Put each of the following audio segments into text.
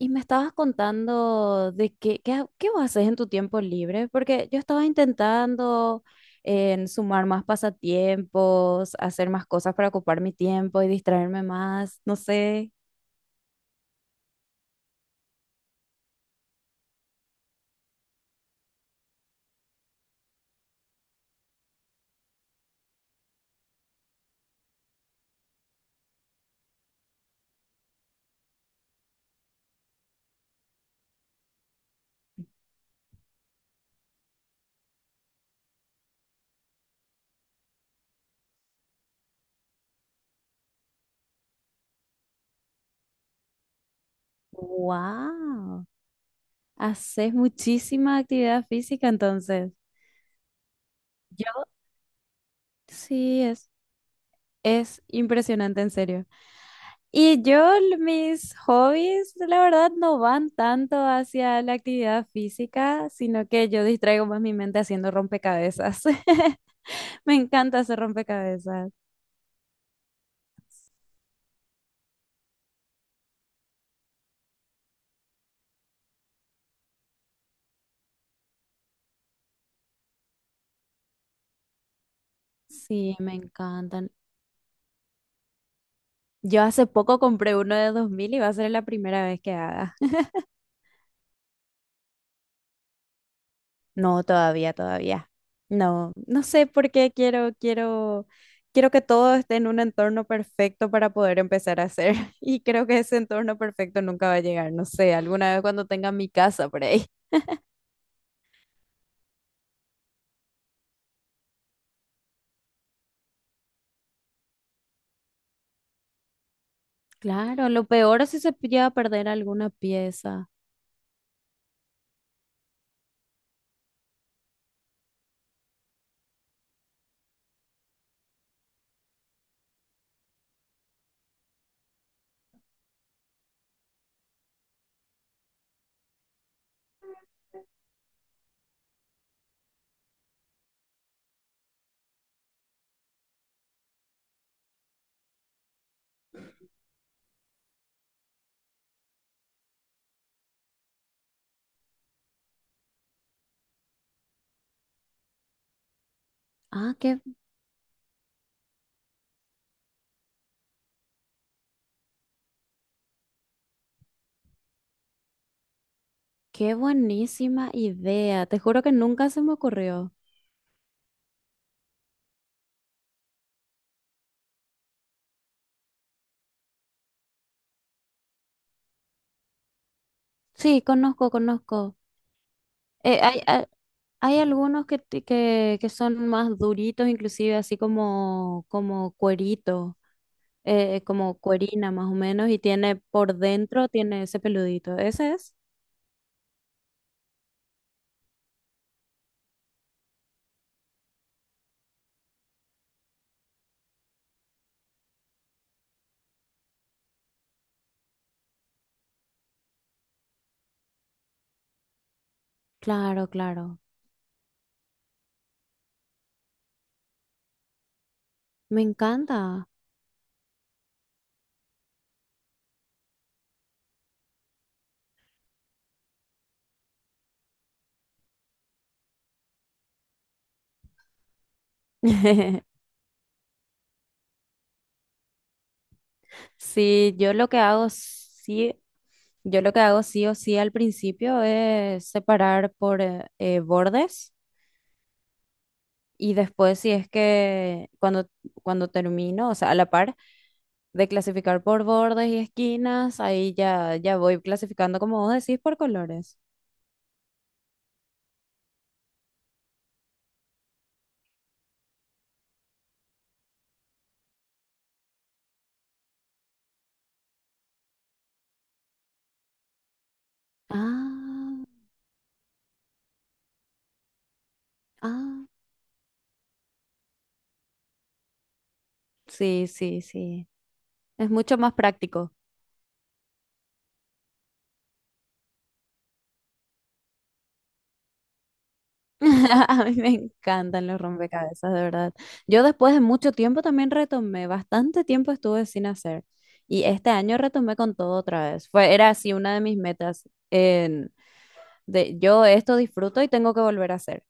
Y me estabas contando de qué vos haces en tu tiempo libre, porque yo estaba intentando en sumar más pasatiempos, hacer más cosas para ocupar mi tiempo y distraerme más, no sé. ¡Wow! Haces muchísima actividad física entonces. Yo sí, es impresionante, en serio. Y yo, mis hobbies, la verdad, no van tanto hacia la actividad física, sino que yo distraigo más mi mente haciendo rompecabezas. Me encanta hacer rompecabezas. Sí, me encantan. Yo hace poco compré uno de 2000 y va a ser la primera vez que haga. No, todavía. No, no sé por qué quiero, quiero que todo esté en un entorno perfecto para poder empezar a hacer. Y creo que ese entorno perfecto nunca va a llegar. No sé, alguna vez cuando tenga mi casa por ahí. Claro, lo peor es si se llega a perder alguna pieza. Ah, qué, qué buenísima idea. Te juro que nunca se me ocurrió. Sí, conozco. Eh, hay, a- hay algunos que son más duritos, inclusive así como, como cuerito, como cuerina más o menos, y tiene por dentro, tiene ese peludito. ¿Ese es? Claro, claro. Me encanta. Sí, yo lo que hago sí o sí al principio es separar por bordes y después si es que cuando, cuando termino, o sea, a la par de clasificar por bordes y esquinas, ahí ya, ya voy clasificando como vos decís por colores. Ah, ah, Sí, sí, sí. Es mucho más práctico. A mí me encantan los rompecabezas, de verdad. Yo después de mucho tiempo también retomé, bastante tiempo estuve sin hacer. Y este año retomé con todo otra vez. Era así una de mis metas. Yo esto disfruto y tengo que volver a hacer.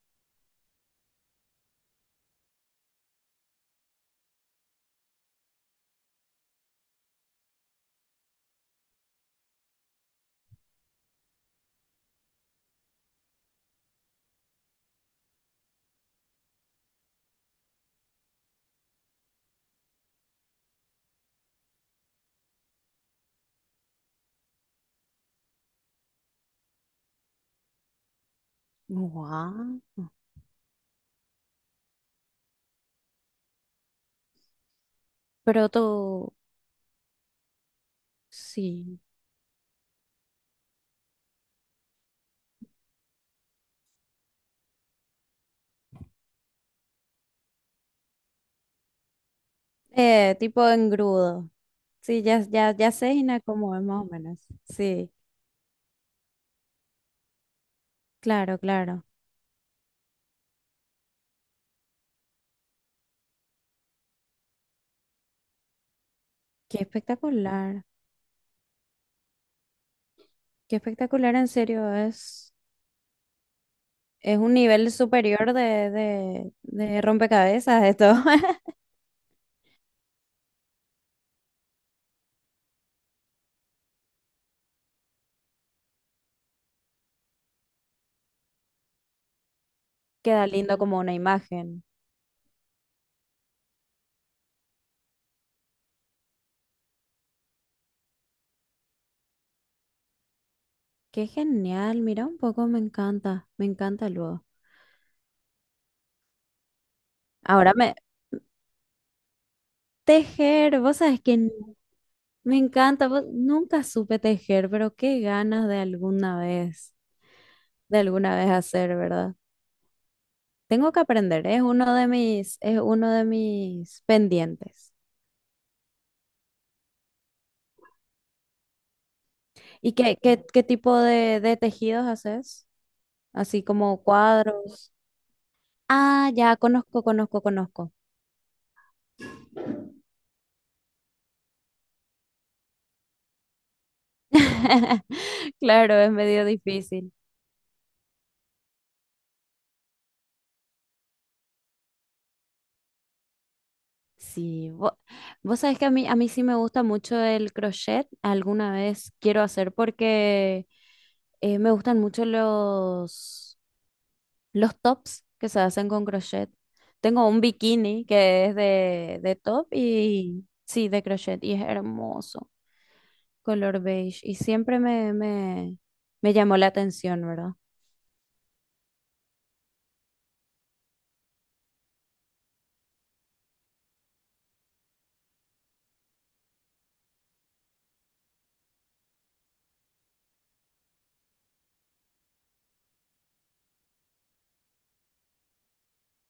Guau. Pero tú, sí. Tipo engrudo. Sí, ya sé, Gina, cómo es más o menos. Sí, claro, claro. Qué espectacular. Qué espectacular, en serio. Es un nivel superior de rompecabezas esto. Queda lindo como una imagen. Qué genial. Mira un poco, me encanta. Me encanta luego. Ahora me... Tejer, vos sabés que me encanta. Nunca supe tejer, pero qué ganas de alguna vez hacer, ¿verdad? Tengo que aprender, es uno de es uno de mis pendientes. ¿Y qué tipo de tejidos haces? Así como cuadros. Ah, ya conozco. Claro, es medio difícil. Sí, vos, sabés que a mí sí me gusta mucho el crochet, alguna vez quiero hacer porque me gustan mucho los tops que se hacen con crochet. Tengo un bikini que es de top y sí, de crochet y es hermoso, color beige. Y me llamó la atención, ¿verdad?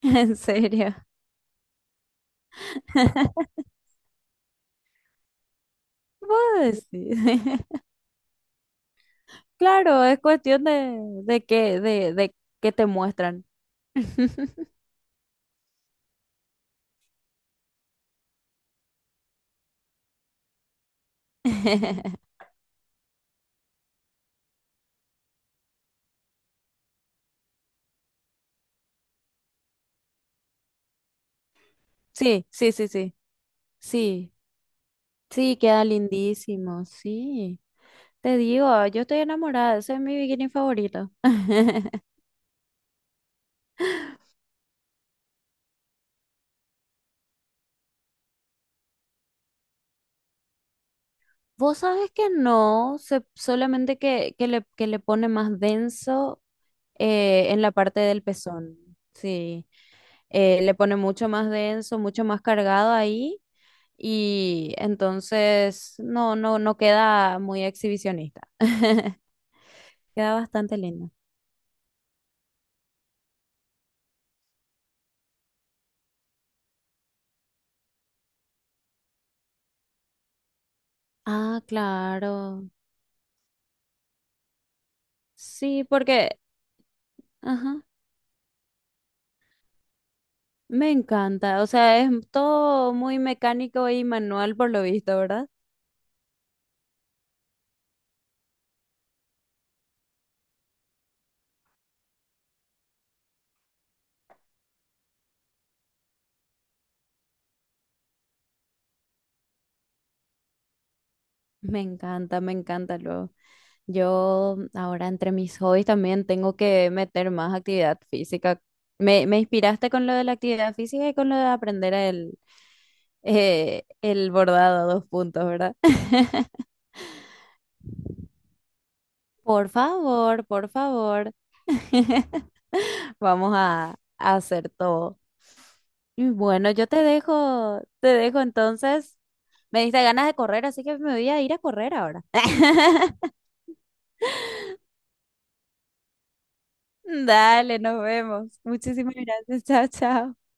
En serio. ¿Puedo decir? Claro, es cuestión de qué te muestran. Sí, sí, sí, sí. Sí, sí, queda lindísimo, sí. Te digo, yo estoy enamorada, ese es mi bikini favorito. Vos sabés que no, se- solamente que le pone más denso en la parte del pezón. Sí, le pone mucho más denso, mucho más cargado ahí y entonces no, no, no queda muy exhibicionista. Queda bastante lindo. Ah, claro. Sí, porque... Ajá. Me encanta, o sea, es todo muy mecánico y manual por lo visto, ¿verdad? Me encanta luego. Yo ahora entre mis hobbies también tengo que meter más actividad física. Me inspiraste con lo de la actividad física y con lo de aprender el bordado a dos puntos, ¿verdad? Por favor, por favor. A hacer todo. Y bueno, yo te te dejo entonces. Me diste ganas de correr, así que me voy a ir a correr ahora. Dale, nos vemos. Muchísimas gracias. Chao, chao.